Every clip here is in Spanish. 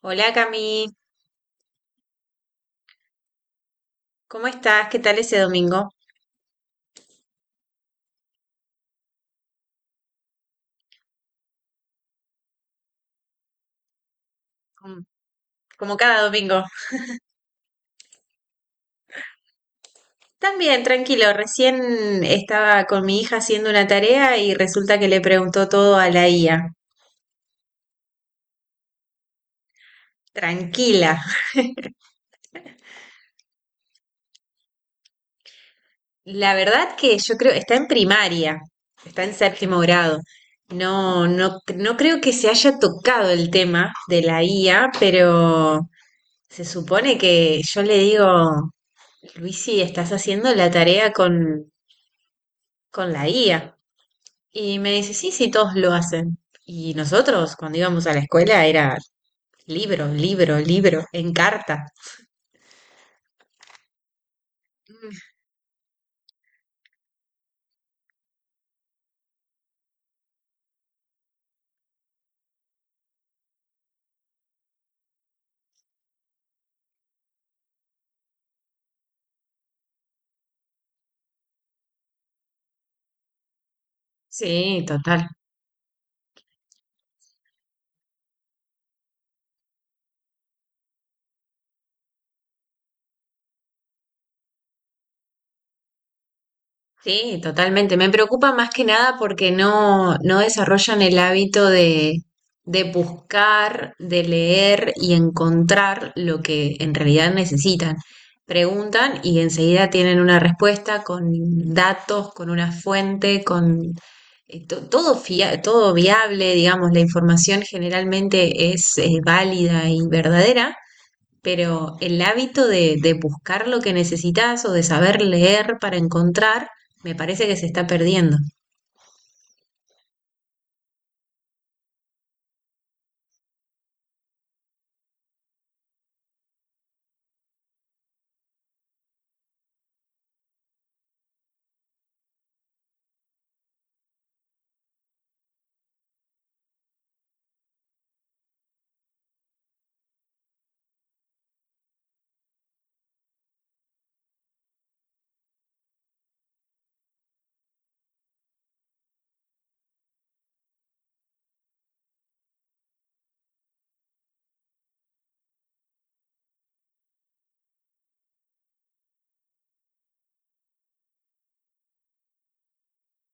Hola Cami, ¿cómo estás? ¿Qué tal ese domingo? Mm. Como cada domingo. También, tranquilo, recién estaba con mi hija haciendo una tarea y resulta que le preguntó todo a la IA. Tranquila. La verdad que yo creo, está en primaria, está en séptimo grado. No, creo que se haya tocado el tema de la IA, pero se supone que yo le digo, Luisi, estás haciendo la tarea con la IA. Y me dice, sí, sí, todos lo hacen. Y nosotros, cuando íbamos a la escuela, era libro, libro, libro, en carta. Mm. Sí, total. Sí, totalmente. Me preocupa más que nada porque no desarrollan el hábito de buscar, de leer y encontrar lo que en realidad necesitan. Preguntan y enseguida tienen una respuesta con datos, con una fuente, con todo todo viable, digamos, la información generalmente es válida y verdadera, pero el hábito de buscar lo que necesitas o de saber leer para encontrar, me parece que se está perdiendo.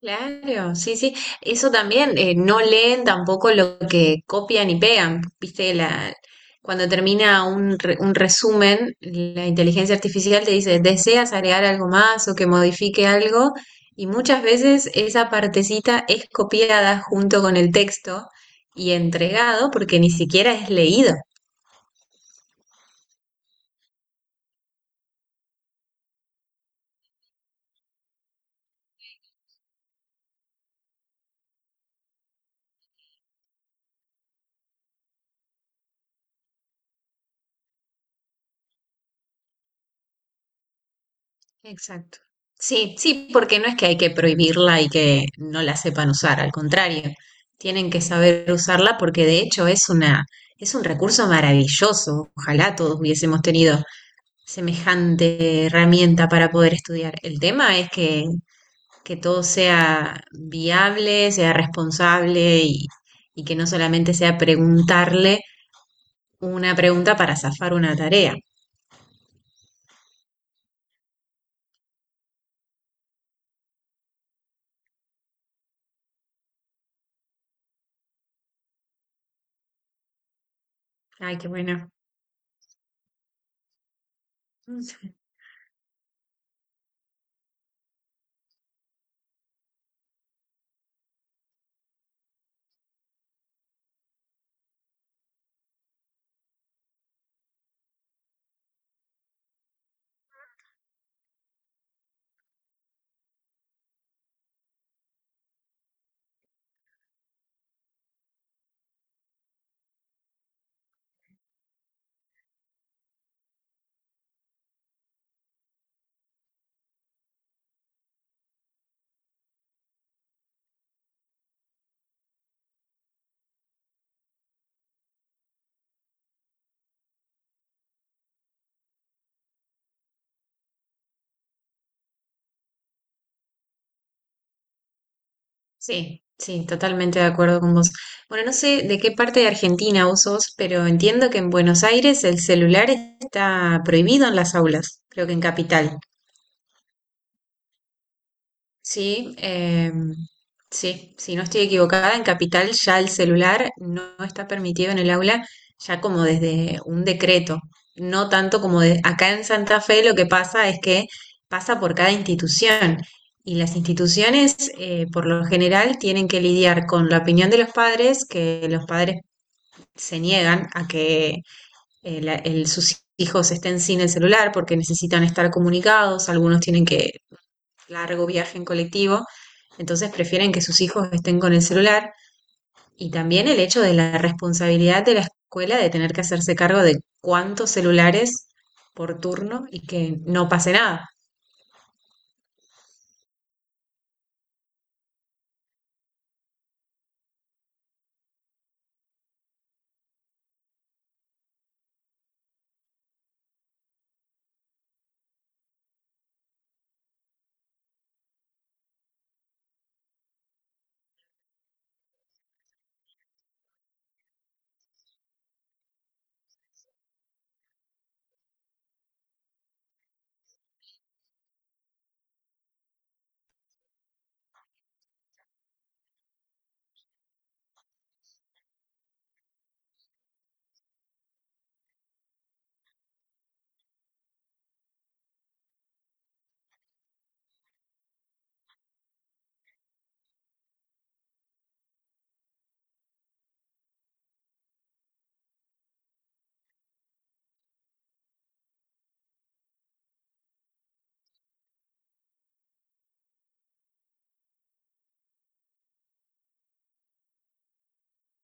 Claro, sí, sí. Eso también, no leen tampoco lo que copian y pegan. Viste, la, cuando termina un resumen, la inteligencia artificial te dice, ¿deseas agregar algo más o que modifique algo? Y muchas veces esa partecita es copiada junto con el texto y entregado porque ni siquiera es leído. Exacto. Sí, sí, porque no es que hay que prohibirla y que no la sepan usar, al contrario, tienen que saber usarla porque de hecho es una, es un recurso maravilloso. Ojalá todos hubiésemos tenido semejante herramienta para poder estudiar. El tema es que todo sea viable, sea responsable y que no solamente sea preguntarle una pregunta para zafar una tarea. Ay, qué bueno. Sí, sí, totalmente de acuerdo con vos. Bueno, no sé de qué parte de Argentina vos sos, pero entiendo que en Buenos Aires el celular está prohibido en las aulas, creo que en Capital. Sí, sí, si no estoy equivocada, en Capital ya el celular no está permitido en el aula, ya como desde un decreto, no tanto como de, acá en Santa Fe lo que pasa es que pasa por cada institución y las instituciones por lo general tienen que lidiar con la opinión de los padres, que los padres se niegan a que sus hijos estén sin el celular porque necesitan estar comunicados, algunos tienen que largo viaje en colectivo, entonces prefieren que sus hijos estén con el celular y también el hecho de la responsabilidad de la escuela de tener que hacerse cargo de cuántos celulares por turno y que no pase nada.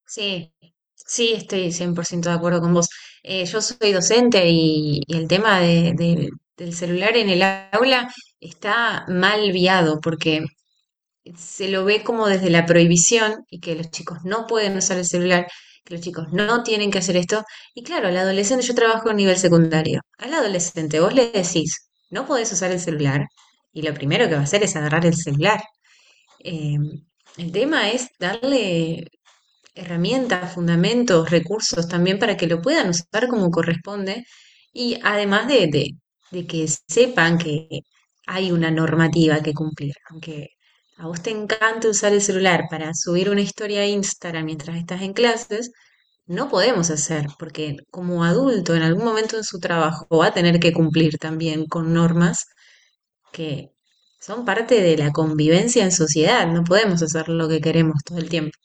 Sí, sí, estoy 100% de acuerdo con vos. Yo soy docente y el tema del celular en el aula está mal viado porque se lo ve como desde la prohibición y que los chicos no pueden usar el celular, que los chicos no tienen que hacer esto. Y claro, al adolescente, yo trabajo en nivel secundario, al adolescente vos le decís, no podés usar el celular y lo primero que va a hacer es agarrar el celular. Eh, el tema es darle herramientas, fundamentos, recursos también para que lo puedan usar como corresponde y además de que sepan que hay una normativa que cumplir. Aunque a vos te encante usar el celular para subir una historia a Instagram mientras estás en clases, no podemos hacer, porque como adulto en algún momento en su trabajo va a tener que cumplir también con normas que son parte de la convivencia en sociedad, no podemos hacer lo que queremos todo el tiempo.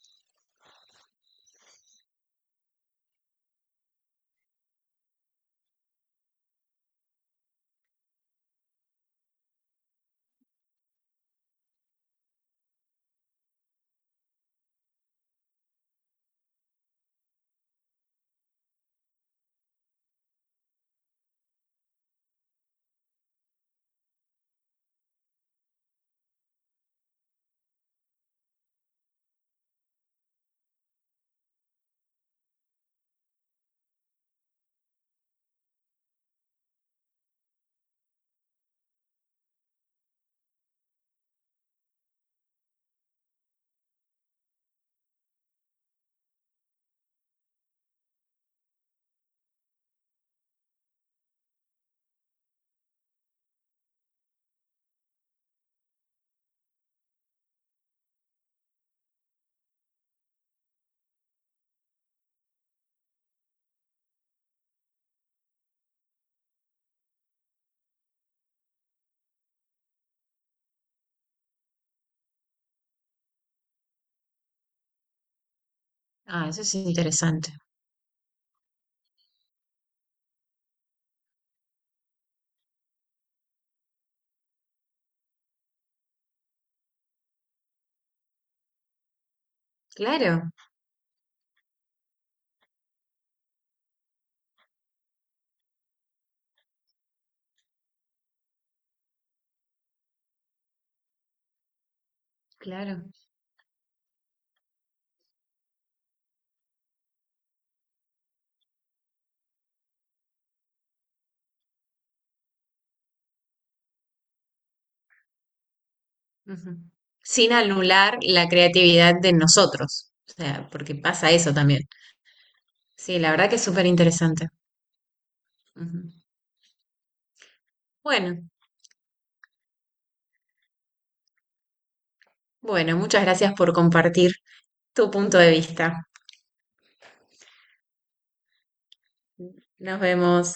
Ah, eso es interesante. Claro, claro. Ujú. Sin anular la creatividad de nosotros. O sea, porque pasa eso también. Sí, la verdad que es súper interesante. Ujú. Bueno, bueno, muchas gracias por compartir tu punto de vista. Nos vemos.